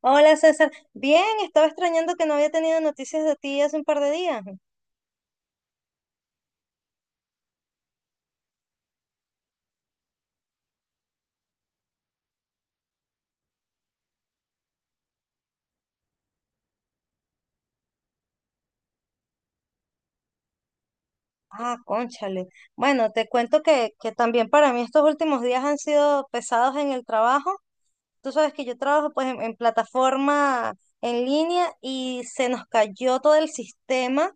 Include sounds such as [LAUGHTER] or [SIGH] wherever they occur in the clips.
Hola César, bien, estaba extrañando que no había tenido noticias de ti hace un par de días. Ah, cónchale. Bueno, te cuento que también para mí estos últimos días han sido pesados en el trabajo. Tú sabes que yo trabajo pues en plataforma en línea y se nos cayó todo el sistema.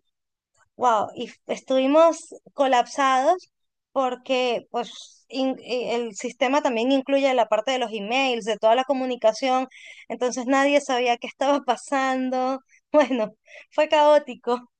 Wow, y estuvimos colapsados porque pues el sistema también incluye la parte de los emails, de toda la comunicación, entonces nadie sabía qué [LAUGHS] estaba pasando. Bueno, fue caótico.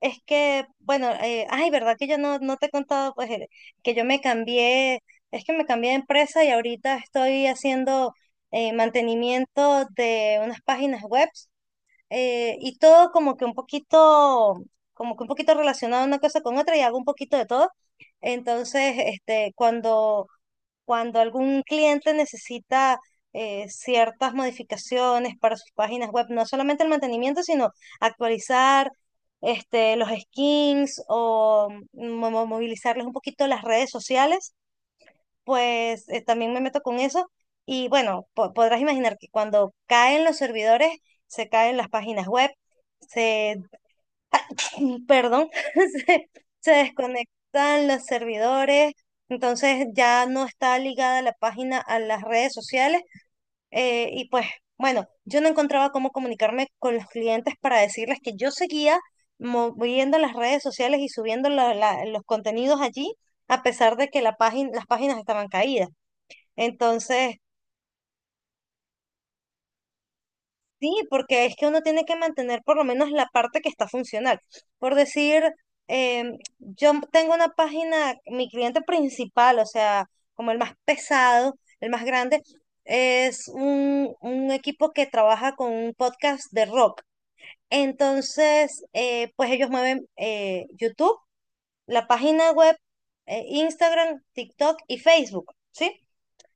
Es que, bueno, ay, ¿verdad que yo no te he contado pues que yo me cambié? Es que me cambié de empresa y ahorita estoy haciendo, mantenimiento de unas páginas web, y todo como que un poquito relacionado una cosa con otra y hago un poquito de todo. Entonces, este, cuando algún cliente necesita, ciertas modificaciones para sus páginas web, no solamente el mantenimiento, sino actualizar, este, los skins o movilizarles un poquito las redes sociales, pues también me meto con eso. Y bueno, podrás imaginar que cuando caen los servidores, se caen las páginas web, se, [CLEARS THROAT] perdón, [LAUGHS] se, se desconectan los servidores, entonces ya no está ligada la página a las redes sociales. Y pues bueno, yo no encontraba cómo comunicarme con los clientes para decirles que yo seguía moviendo las redes sociales y subiendo los contenidos allí, a pesar de que las páginas estaban caídas. Entonces, sí, porque es que uno tiene que mantener por lo menos la parte que está funcional. Por decir, yo tengo una página, mi cliente principal, o sea, como el más pesado, el más grande, es un equipo que trabaja con un podcast de rock. Entonces, pues ellos mueven, YouTube, la página web, Instagram, TikTok y Facebook, ¿sí?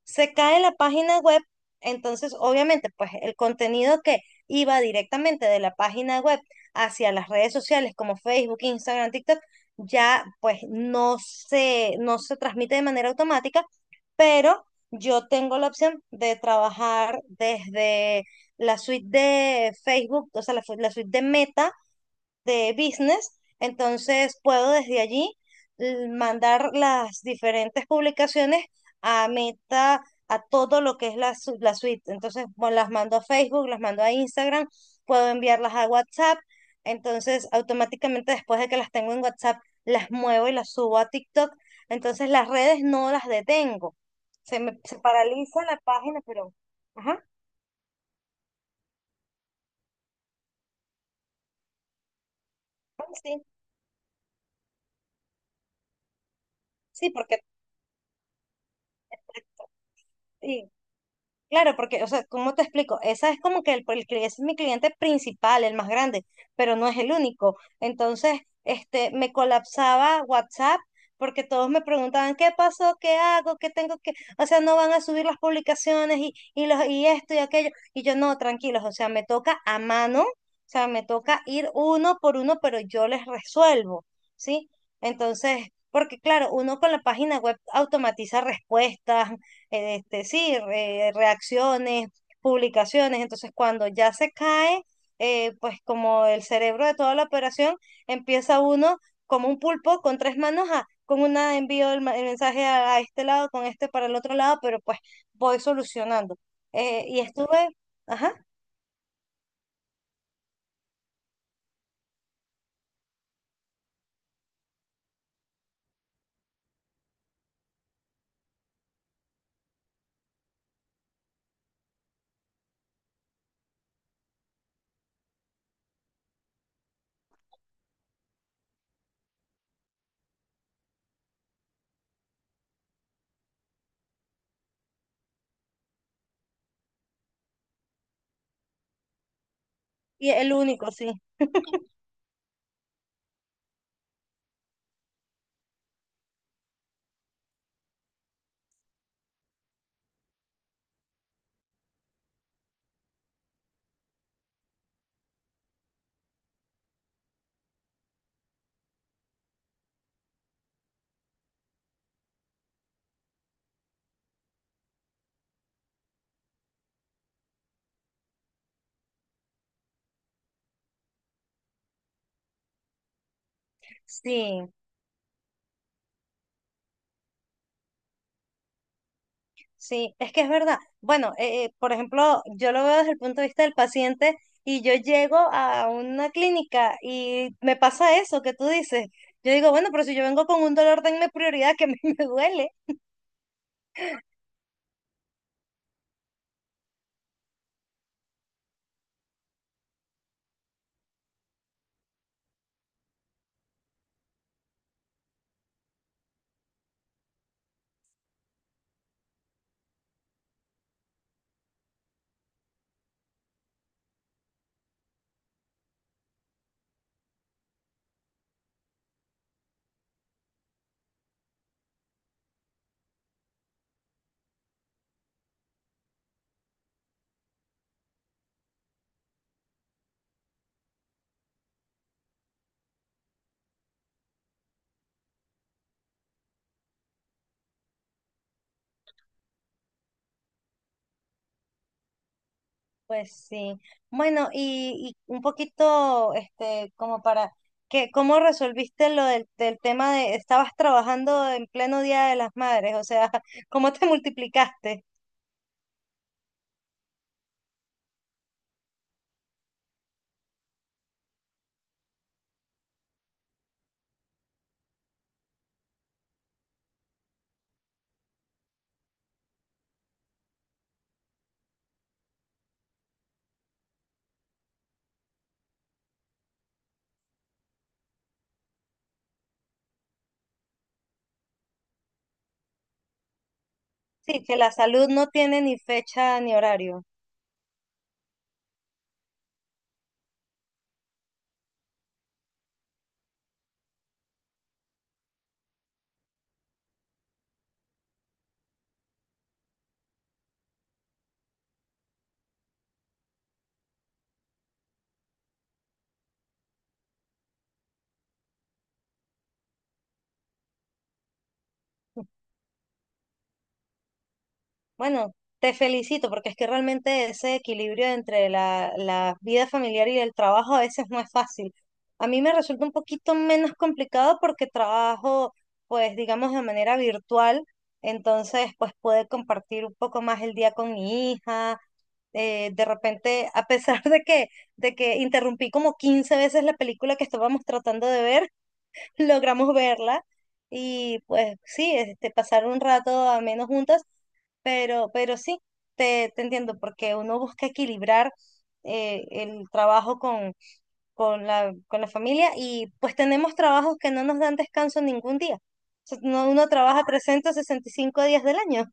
Se cae la página web, entonces obviamente pues el contenido que iba directamente de la página web hacia las redes sociales como Facebook, Instagram, TikTok, ya pues no se transmite de manera automática, pero yo tengo la opción de trabajar desde la suite de Facebook, o sea, la suite de Meta de business, entonces puedo desde allí, mandar las diferentes publicaciones a Meta, a todo lo que es la suite. Entonces, bueno, las mando a Facebook, las mando a Instagram, puedo enviarlas a WhatsApp. Entonces, automáticamente después de que las tengo en WhatsApp, las muevo y las subo a TikTok. Entonces, las redes no las detengo. Se paraliza la página, pero. Ajá, ah, sí, sí, porque sí. Claro, porque, o sea, ¿cómo te explico? Esa es como que ese es mi cliente principal, el más grande, pero no es el único. Entonces, este, me colapsaba WhatsApp porque todos me preguntaban, ¿qué pasó? ¿Qué hago? ¿Qué tengo que? O sea, no van a subir las publicaciones y esto y aquello. Y yo, no, tranquilos, o sea, me toca a mano, o sea, me toca ir uno por uno, pero yo les resuelvo, ¿sí? Entonces, porque claro, uno con la página web automatiza respuestas, este, sí, reacciones, publicaciones. Entonces, cuando ya se cae, pues como el cerebro de toda la operación, empieza uno como un pulpo con tres manos, con una envío el mensaje a este lado, con este para el otro lado, pero pues voy solucionando. Y estuve, ajá, y el único, sí, sí. Sí, es que es verdad. Bueno, por ejemplo, yo lo veo desde el punto de vista del paciente y yo llego a una clínica y me pasa eso que tú dices. Yo digo, bueno, pero si yo vengo con un dolor, denme prioridad que a mí [LAUGHS] me duele. Pues sí. Bueno, y un poquito, este, como para que, ¿cómo resolviste lo del tema de estabas trabajando en pleno Día de las Madres? O sea, [LAUGHS] ¿cómo te multiplicaste? Sí, que la salud no tiene ni fecha ni horario. Bueno, te felicito porque es que realmente ese equilibrio entre la vida familiar y el trabajo a veces no es fácil. A mí me resulta un poquito menos complicado porque trabajo, pues digamos, de manera virtual, entonces pues puedo compartir un poco más el día con mi hija. De repente, a pesar de que interrumpí como 15 veces la película que estábamos tratando de ver, [LAUGHS] logramos verla y pues sí, este, pasar un rato a menos juntas, pero sí, te entiendo, porque uno busca equilibrar, el trabajo con la familia, y pues tenemos trabajos que no nos dan descanso ningún día. O sea, uno trabaja 365 días del año.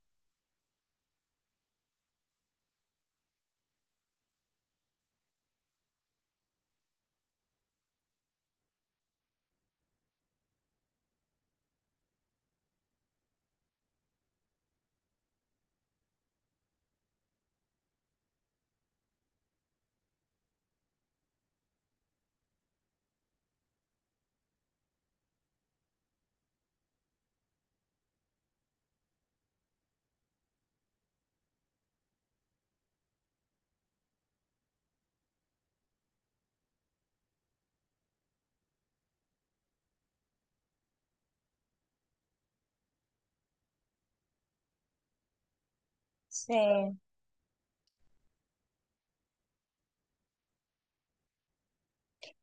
Sí.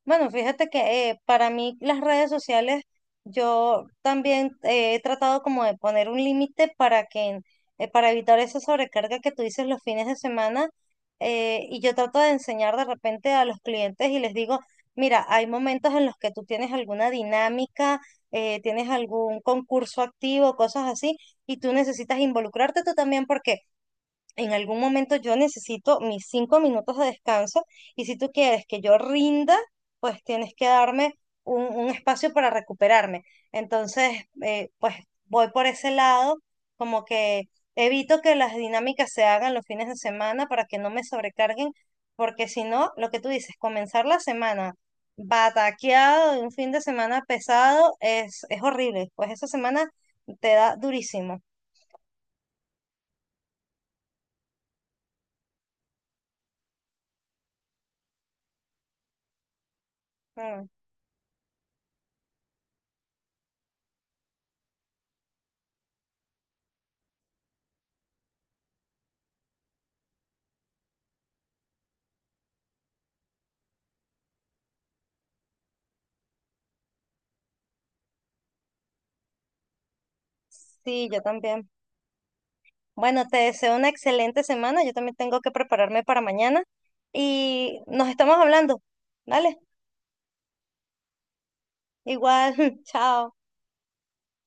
Bueno, fíjate que, para mí las redes sociales, yo también he tratado como de poner un límite para que, para evitar esa sobrecarga que tú dices los fines de semana. Y yo trato de enseñar de repente a los clientes y les digo, mira, hay momentos en los que tú tienes alguna dinámica, tienes algún concurso activo, cosas así, y tú necesitas involucrarte tú también, porque en algún momento yo necesito mis 5 minutos de descanso y si tú quieres que yo rinda, pues tienes que darme un espacio para recuperarme. Entonces, pues voy por ese lado, como que evito que las dinámicas se hagan los fines de semana para que no me sobrecarguen, porque si no, lo que tú dices, comenzar la semana bataqueado de un fin de semana pesado es horrible, pues esa semana te da durísimo. Mm, sí, yo también. Bueno, te deseo una excelente semana. Yo también tengo que prepararme para mañana y nos estamos hablando. Dale, igual, [LAUGHS] chao.